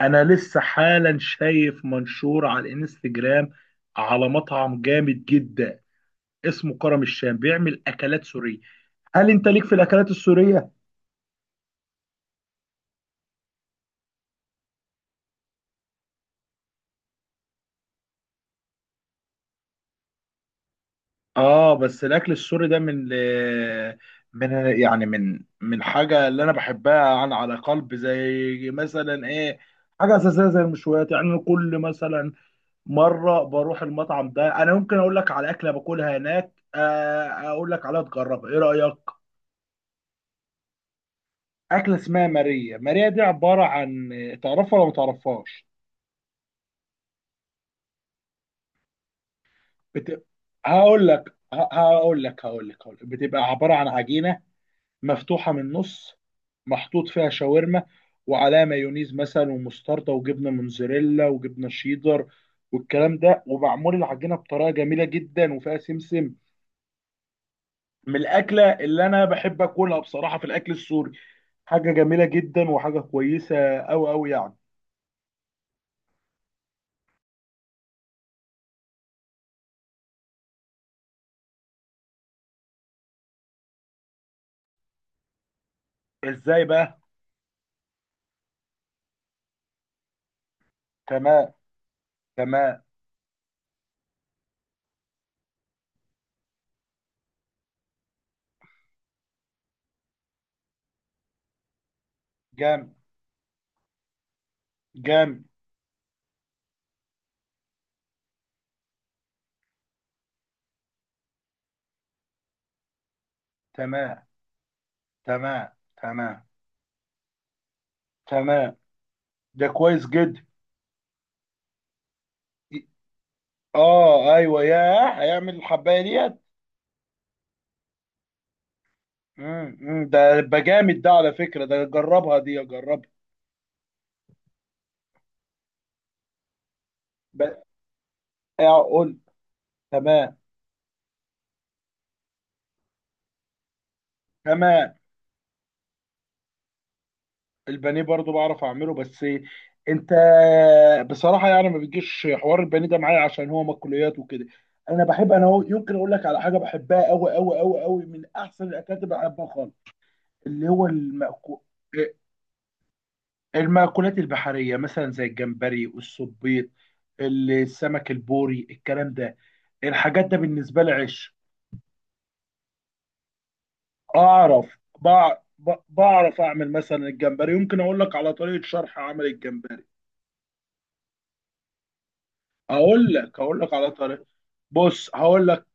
انا لسه حالا شايف منشور على الانستجرام على مطعم جامد جدا اسمه كرم الشام بيعمل اكلات سورية. هل انت ليك في الاكلات السورية؟ اه، بس الاكل السوري ده من من من حاجة اللي انا بحبها عن على قلب، زي مثلا ايه؟ حاجة أساسية زي المشويات. يعني أنا كل مثلا مرة بروح المطعم ده، أنا ممكن أقول لك على أكلة باكلها هناك، أقول لك عليها تجربها، إيه رأيك؟ اكله اسمها ماريا، ماريا دي عباره عن، تعرفها ولا ما تعرفهاش؟ بت... هقول لك هقول لك بتبقى عباره عن عجينه مفتوحه من النص، محطوط فيها شاورما وعليها مايونيز مثلا ومستردة وجبنه موتزاريلا وجبنه شيدر والكلام ده، ومعمول العجينه بطريقه جميله جدا وفيها سمسم. من الاكله اللي انا بحب اكلها بصراحه في الاكل السوري. حاجه جميله جدا وحاجه كويسه قوي قوي يعني. ازاي بقى؟ تمام، تمام. جامد. جامد. تمام. تمام. تمام. تمام. ده كويس جدا. اه، ايوه، ياه، هيعمل الحبايه ديت. ده يبقى جامد ده على فكره، ده جربها دي، جربها. ب- اقول. تمام. تمام. البانيه برضو بعرف اعمله، بس انت بصراحه يعني ما بيجيش حوار البانيه ده معايا عشان هو مأكولات وكده. انا بحب انا هو، يمكن اقول لك على حاجه بحبها قوي قوي قوي قوي، من احسن الاكلات اللي بحبها خالص، اللي هو المأكول. المأكولات البحرية مثلا زي الجمبري، الصبيط، السمك البوري، الكلام ده، الحاجات ده بالنسبة لي عش. بعرف أعمل مثلا الجمبري. يمكن أقول لك على طريقة شرح عمل الجمبري. أقول لك على طريقة، بص هقول لك.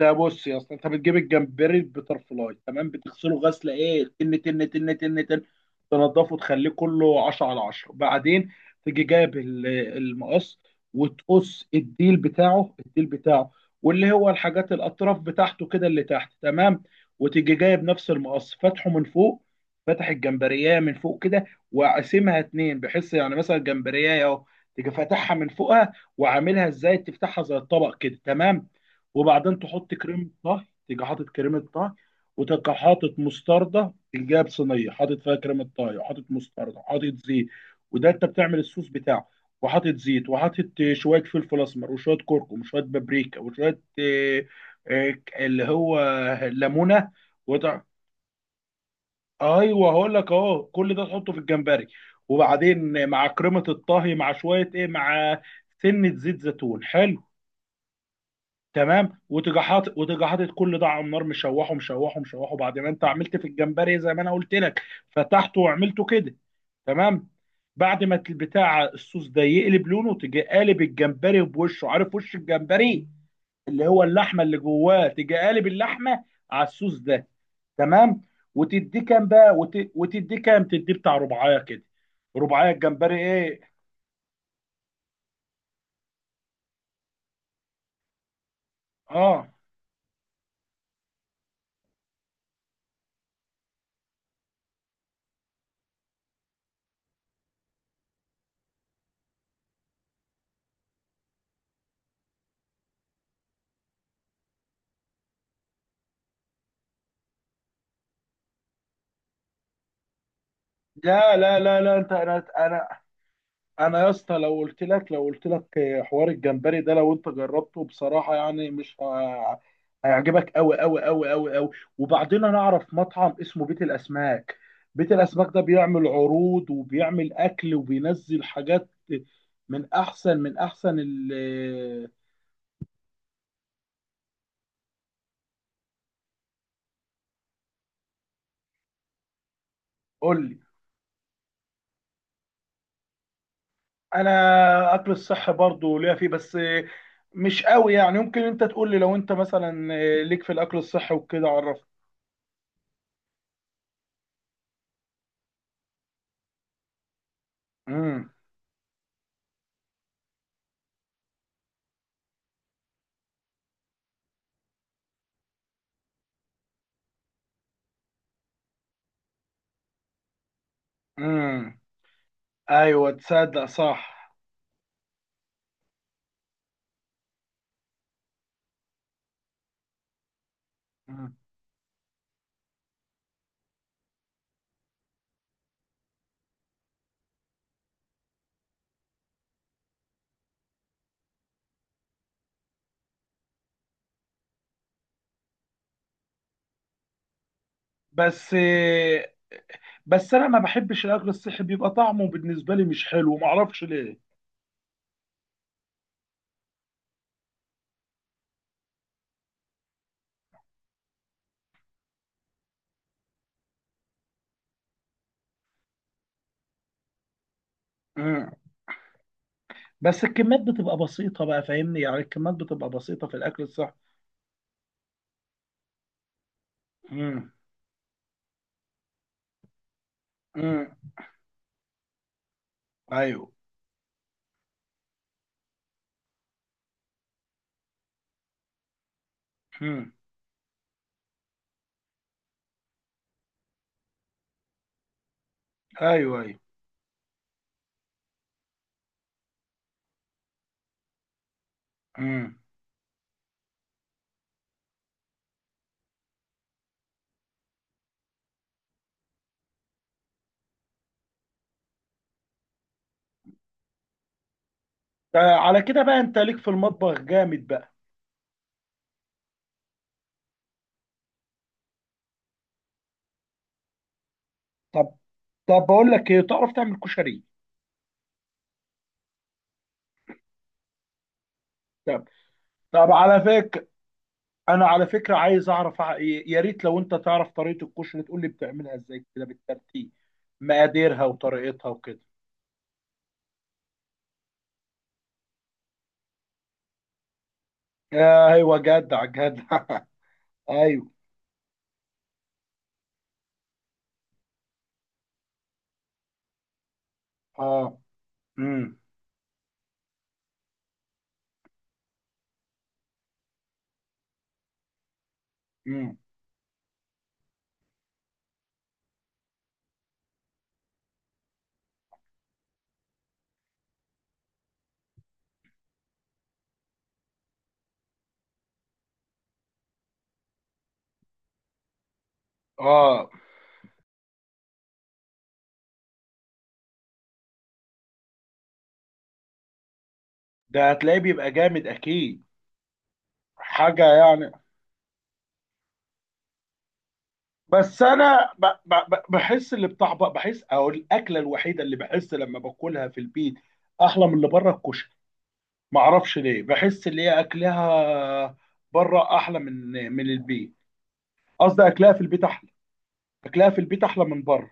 ده بص يا اسطى، انت بتجيب الجمبري البترفلاي، تمام، بتغسله غسله ايه، تن تن تن تن تن، تنضفه، تخليه كله 10 على 10. بعدين تيجي جايب المقص، وتقص الديل بتاعه، الديل بتاعه واللي هو الحاجات الاطراف بتاعته كده اللي تحت، تمام. وتيجي جايب نفس المقص، فاتحه من فوق، فاتح الجمبريه من فوق كده، وقاسمها اتنين، بحيث يعني مثلا الجمبريه اهو، تيجي فاتحها من فوقها وعاملها ازاي، تفتحها زي الطبق كده، تمام. وبعدين تحط كريمه طهي، تيجي حاطط كريمه طهي، وتبقى حاطط مستردة، الجاب صينية حاطط فيها كريمة طهي وحاطط مستردة وحاطط زيت، وده انت بتعمل الصوص بتاعه. وحاطط زيت وحاطط شوية فلفل أسمر وشوية كركم وشوية بابريكا وشوية آه، اللي هو ليمونة. وتع... أيوه، هقول لك أهو، كل ده تحطه في الجمبري. وبعدين مع كريمة الطهي مع شوية إيه، مع سنة زيت زيتون. حلو. تمام. وتيجي حاطط وتيجي حاطط كل ده على النار، مشوحه مشوحه مشوحه، بعد ما انت عملت في الجمبري زي ما انا قلت لك، فتحته وعملته كده، تمام. بعد ما البتاع الصوص ده يقلب لونه، تيجي قالب الجمبري بوشه، عارف وش الجمبري؟ اللي هو اللحمه اللي جواه، تيجي قالب اللحمه على الصوص ده، تمام. وتديه كام بقى، وتديه كام تديه بتاع ربعايه كده، ربعايه الجمبري ايه. اه، لا لا لا لا. انت انا انا انا يا اسطى، لو قلت لك، لو قلت لك حوار الجمبري ده لو انت جربته بصراحه، يعني مش ه- هيعجبك قوي قوي قوي قوي قوي. وبعدين انا اعرف مطعم اسمه بيت الاسماك. بيت الاسماك ده بيعمل عروض وبيعمل اكل وبينزل حاجات من احسن، من احسن ال، قول لي. انا اكل الصحي برضو ليا فيه، بس مش قوي يعني. يمكن انت تقول لي، لو انت مثلا ليك في الاكل الصحي وكده عرفني. امم، ايوه، تصدق صح. مم. بس، بس انا ما بحبش الاكل الصحي، بيبقى طعمه بالنسبه لي مش حلو، ما اعرفش ليه. مم. بس الكميات بتبقى بسيطه بقى، فاهمني؟ يعني الكميات بتبقى بسيطه في الاكل الصحي. مم. مم. ايوه. مم. ايوه، ايوه. مم. على كده بقى انت ليك في المطبخ جامد بقى. طب، طب بقول لك ايه، تعرف تعمل كشري؟ طب، طب على فكره، انا على فكره عايز اعرف يا ريت لو انت تعرف طريقه الكشري تقول لي بتعملها ازاي كده بالترتيب، مقاديرها وطريقتها وكده. ايوه، جدع جدع. ايوه. اه. امم. امم. اه. ده هتلاقيه بيبقى جامد اكيد. حاجه يعني. بس انا بحس اللي بحس، او الاكله الوحيده اللي بحس لما باكلها في البيت احلى من اللي بره الكشري. معرفش ليه، بحس اللي هي اكلها بره احلى من من البيت. قصدي اكلها في البيت احلى. اكلها في البيت احلى من بره.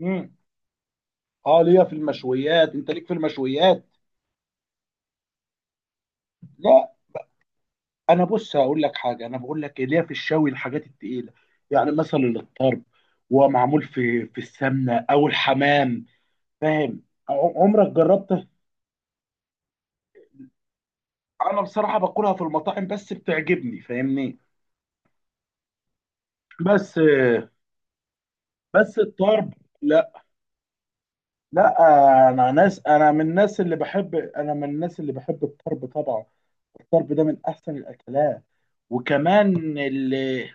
امم. اه، ليا في المشويات، انت ليك في المشويات؟ لا، انا بص هقول لك حاجه، انا بقول لك إيه، ليا في الشوي الحاجات التقيله. يعني مثلا الطرب، ومعمول في السمنه، او الحمام، فاهم؟ عمرك جربته؟ انا بصراحه باكلها في المطاعم، بس بتعجبني، فاهمني؟ بس، بس الطرب، لا، لا. انا ناس، انا من الناس اللي بحب، انا من الناس اللي بحب الطرب طبعا. الطرب ده من احسن الاكلات. وكمان اللي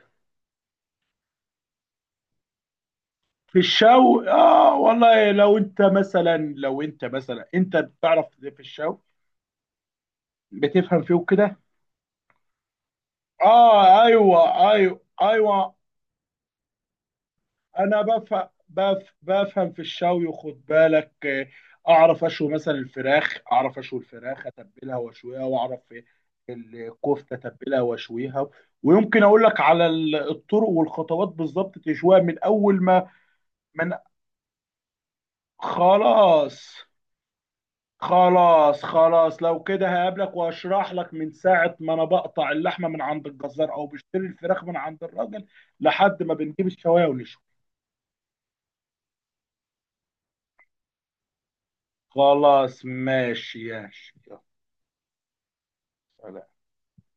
في الشوي، اه والله. لو انت مثلا، لو انت مثلا انت بتعرف في الشوي، بتفهم فيه وكده؟ اه، ايوه ايوه ايوه. انا بفهم بف بفهم في الشوي، وخد بالك اعرف اشوي مثلا الفراخ، اعرف اشوي الفراخ، اتبلها واشويها، واعرف في الكفته، اتبلها واشويها. ويمكن اقول لك على الطرق والخطوات بالظبط، تشويها من اول ما من خلاص، خلاص. خلاص، لو كده هقابلك واشرح لك من ساعة ما انا بقطع اللحمة من عند الجزار او بشتري الفراخ من عند الراجل لحد ما بنجيب الشواية ونشوي. خلاص، ماشي يا شيخ.